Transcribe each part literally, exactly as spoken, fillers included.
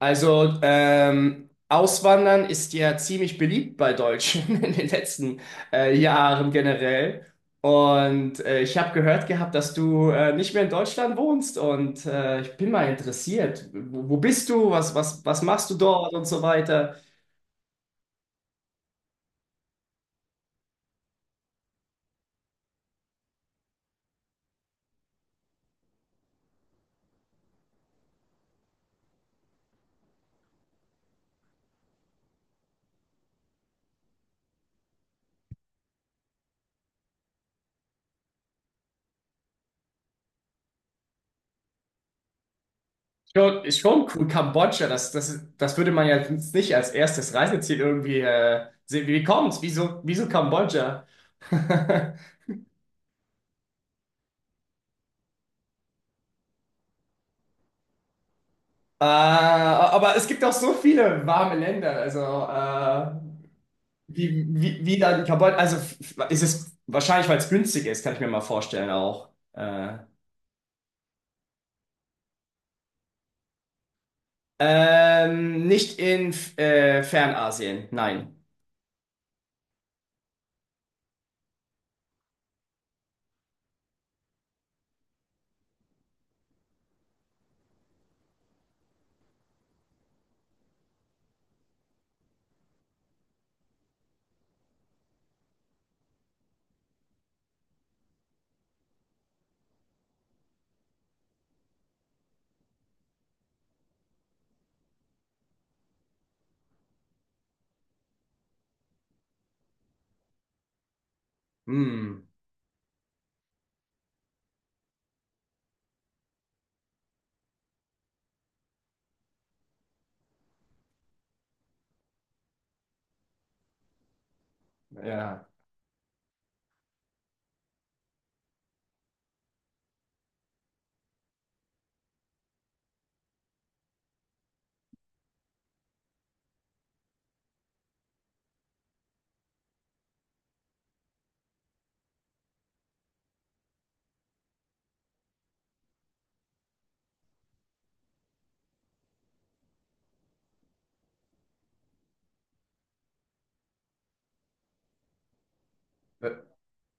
Also, ähm, Auswandern ist ja ziemlich beliebt bei Deutschen in den letzten äh, Jahren generell. Und äh, ich habe gehört gehabt, dass du äh, nicht mehr in Deutschland wohnst. Und äh, ich bin mal interessiert. Wo, wo bist du? Was, was, was machst du dort und so weiter? Schon, ist schon cool. Kambodscha, das, das, das würde man ja jetzt nicht als erstes Reiseziel irgendwie äh, sehen. Wie kommt's? Wieso, wieso Kambodscha? Äh, aber es gibt auch so viele warme Länder, also äh, wie, wie, wie da die Cambodja, also f- ist es wahrscheinlich, weil es günstig ist, kann ich mir mal vorstellen auch. Äh, ähm, nicht in äh, Fernasien, nein. Hm, ja.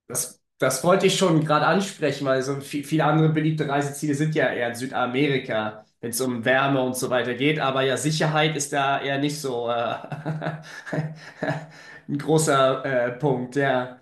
Das, das wollte ich schon gerade ansprechen, weil so vi- viele andere beliebte Reiseziele sind ja eher in Südamerika, wenn es um Wärme und so weiter geht. Aber ja, Sicherheit ist da eher nicht so äh, ein großer äh, Punkt, ja.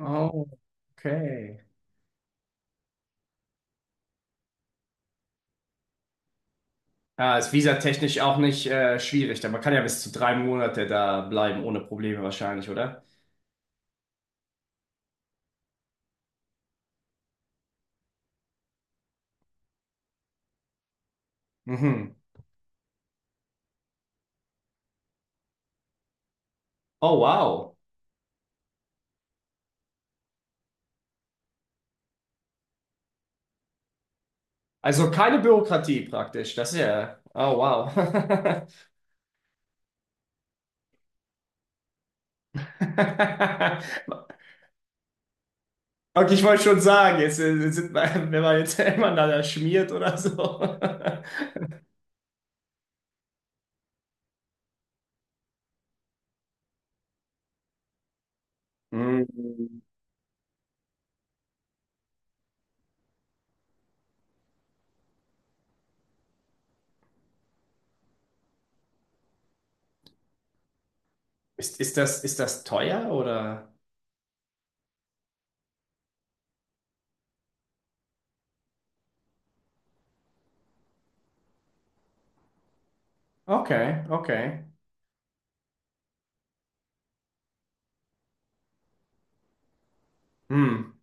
Oh, okay. Ja, ist visatechnisch auch nicht äh, schwierig. Da Man kann ja bis zu drei Monate da bleiben, ohne Probleme wahrscheinlich, oder? Mhm. Oh, wow. Also keine Bürokratie praktisch. Das ist ja. Oh, wow. Okay, ich wollte schon sagen, jetzt, äh, jetzt sind, wir- wenn man jetzt miteinander schmiert oder so. Hm. Ist, ist das, ist das teuer oder? Okay, okay. Hm.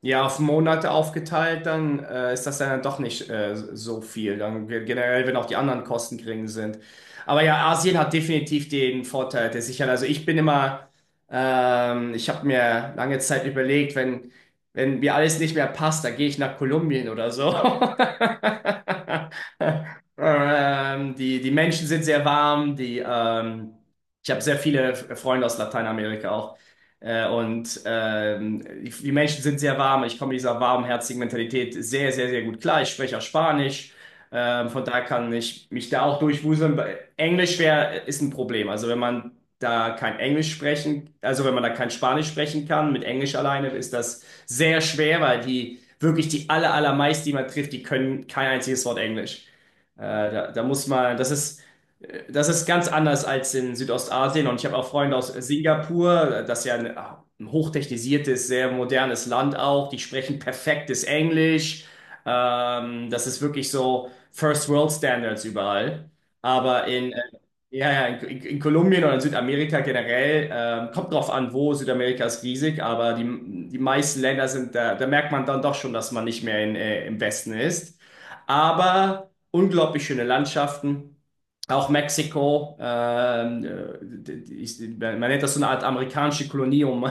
Ja, auf Monate aufgeteilt, dann äh, ist das dann doch nicht äh, so viel. Dann ge- generell, wenn auch die anderen Kosten gering sind. Aber ja, Asien hat definitiv den Vorteil der Sicherheit. Also ich bin immer, ähm, ich habe mir lange Zeit überlegt, wenn, wenn mir alles nicht mehr passt, dann gehe ich nach Kolumbien oder so. Ähm, die, die Menschen sind sehr warm, die, ähm, ich habe sehr viele Freunde aus Lateinamerika auch. Äh, und ähm, die, die Menschen sind sehr warm. Ich komme mit dieser warmherzigen Mentalität sehr, sehr, sehr gut klar. Ich spreche auch Spanisch. Ähm, von daher kann ich mich da auch durchwuseln. Englisch wär, ist ein Problem. Also wenn man da kein Englisch sprechen, also wenn man da kein Spanisch sprechen kann, mit Englisch alleine ist das sehr schwer, weil die wirklich die aller, allermeisten, die man trifft, die können kein einziges Wort Englisch. Äh, da, da muss man, das ist, äh, das ist ganz anders als in Südostasien und ich habe auch Freunde aus Singapur, äh, das ist ja ein, ah, ein hochtechnisiertes, sehr modernes Land auch, die sprechen perfektes Englisch. Ähm, das ist wirklich so First World Standards überall. Aber in, äh, ja, ja, in, in in Kolumbien oder in Südamerika generell, ähm, kommt drauf an, wo Südamerika ist riesig, aber die, die meisten Länder sind, da, da merkt man dann doch schon, dass man nicht mehr in, äh, im Westen ist. Aber unglaublich schöne Landschaften. Auch Mexiko, ähm, äh, ich, man nennt das so eine Art amerikanische Kolonie um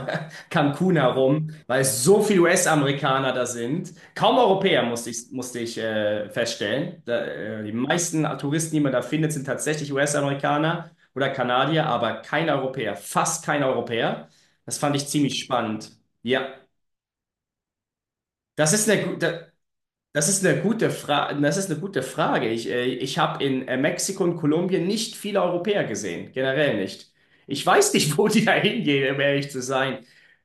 Cancun herum, weil es so viele U S-Amerikaner da sind. Kaum Europäer, musste ich, musste ich äh, feststellen. Da, äh, die meisten Touristen, die man da findet, sind tatsächlich U S-Amerikaner oder Kanadier, aber kein Europäer, fast kein Europäer. Das fand ich ziemlich spannend. Ja, das ist eine gute. Das ist eine gute Fra Das ist eine gute Frage. Ich, äh, ich habe in äh, Mexiko und Kolumbien nicht viele Europäer gesehen, generell nicht. Ich weiß nicht, wo die da hingehen, um ehrlich zu sein.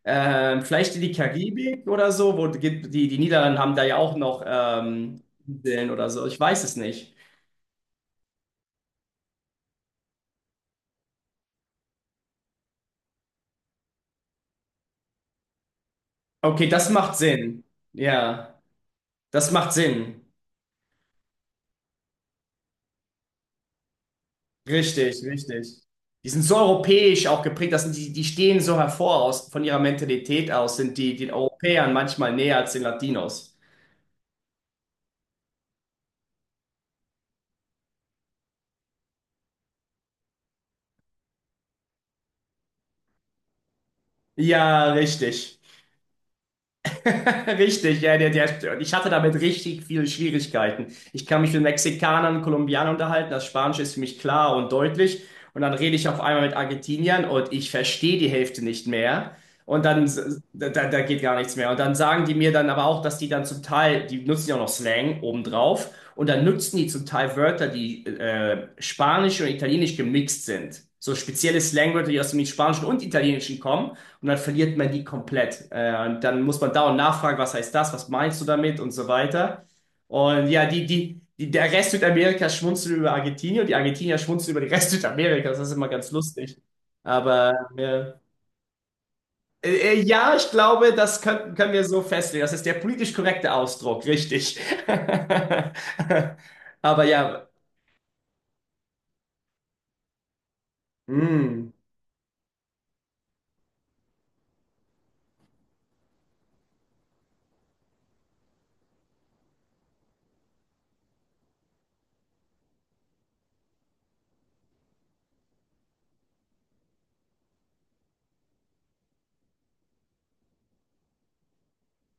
Ähm, vielleicht in die Karibik oder so, wo die, die die Niederlande haben da ja auch noch ähm, Inseln oder so. Ich weiß es nicht. Okay, das macht Sinn. Ja, das macht Sinn. Richtig, richtig. Die sind so europäisch auch geprägt, das sind die, die stehen so hervor aus, von ihrer Mentalität aus, sind die den Europäern manchmal näher als den Latinos. Ja, richtig. Richtig, ja, der, der, ich hatte damit richtig viele Schwierigkeiten. Ich kann mich mit Mexikanern, Kolumbianern unterhalten, das Spanische ist für mich klar und deutlich. Und dann rede ich auf einmal mit Argentiniern und ich verstehe die Hälfte nicht mehr. Und dann, s- da, da, da geht gar nichts mehr. Und dann sagen die mir dann aber auch, dass die dann zum Teil, die nutzen ja auch noch Slang obendrauf. Und dann nutzen die zum Teil Wörter, die äh, Spanisch und Italienisch gemixt sind. So spezielle Slangwörter, die aus dem Spanischen und Italienischen kommen. Und dann verliert man die komplett. Äh, und dann muss man dauernd nachfragen, was heißt das, was meinst du damit und so weiter. Und ja, die, die, die, der Rest Südamerikas schmunzelt über Argentinien und die Argentinier schmunzeln über den Rest Südamerikas. Das ist immer ganz lustig. Aber ja. äh, äh, ja, ich glaube, das können, können wir so festlegen. Das ist der politisch korrekte Ausdruck, richtig. Aber ja, mh,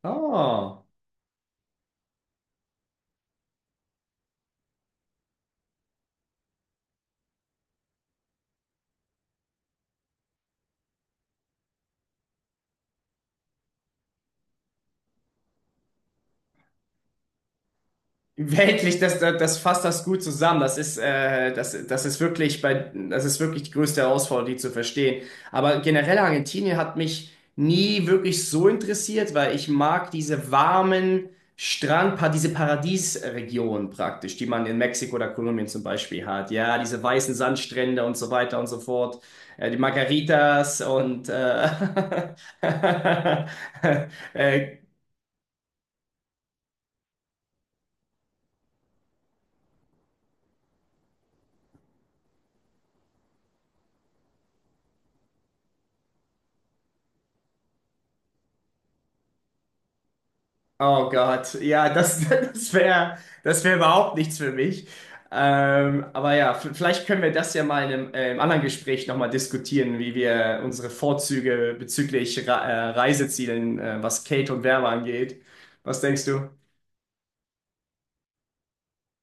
oh. Weltlich, das, das, das fasst das gut zusammen. Das ist, äh, das, das ist wirklich bei, Das ist wirklich die größte Herausforderung, die zu verstehen. Aber generell Argentinien hat mich nie wirklich so interessiert, weil ich mag diese warmen Strand, pa- diese Paradiesregionen praktisch, die man in Mexiko oder Kolumbien zum Beispiel hat. Ja, diese weißen Sandstrände und so weiter und so fort. Äh, die Margaritas und äh, äh, oh Gott, ja, das, das wäre das wär überhaupt nichts für mich. Ähm, aber ja, v- vielleicht können wir das ja mal in einem, äh, im anderen Gespräch nochmal diskutieren, wie wir unsere Vorzüge bezüglich Re äh, Reisezielen, äh, was Kate und Werbe angeht. Was denkst du?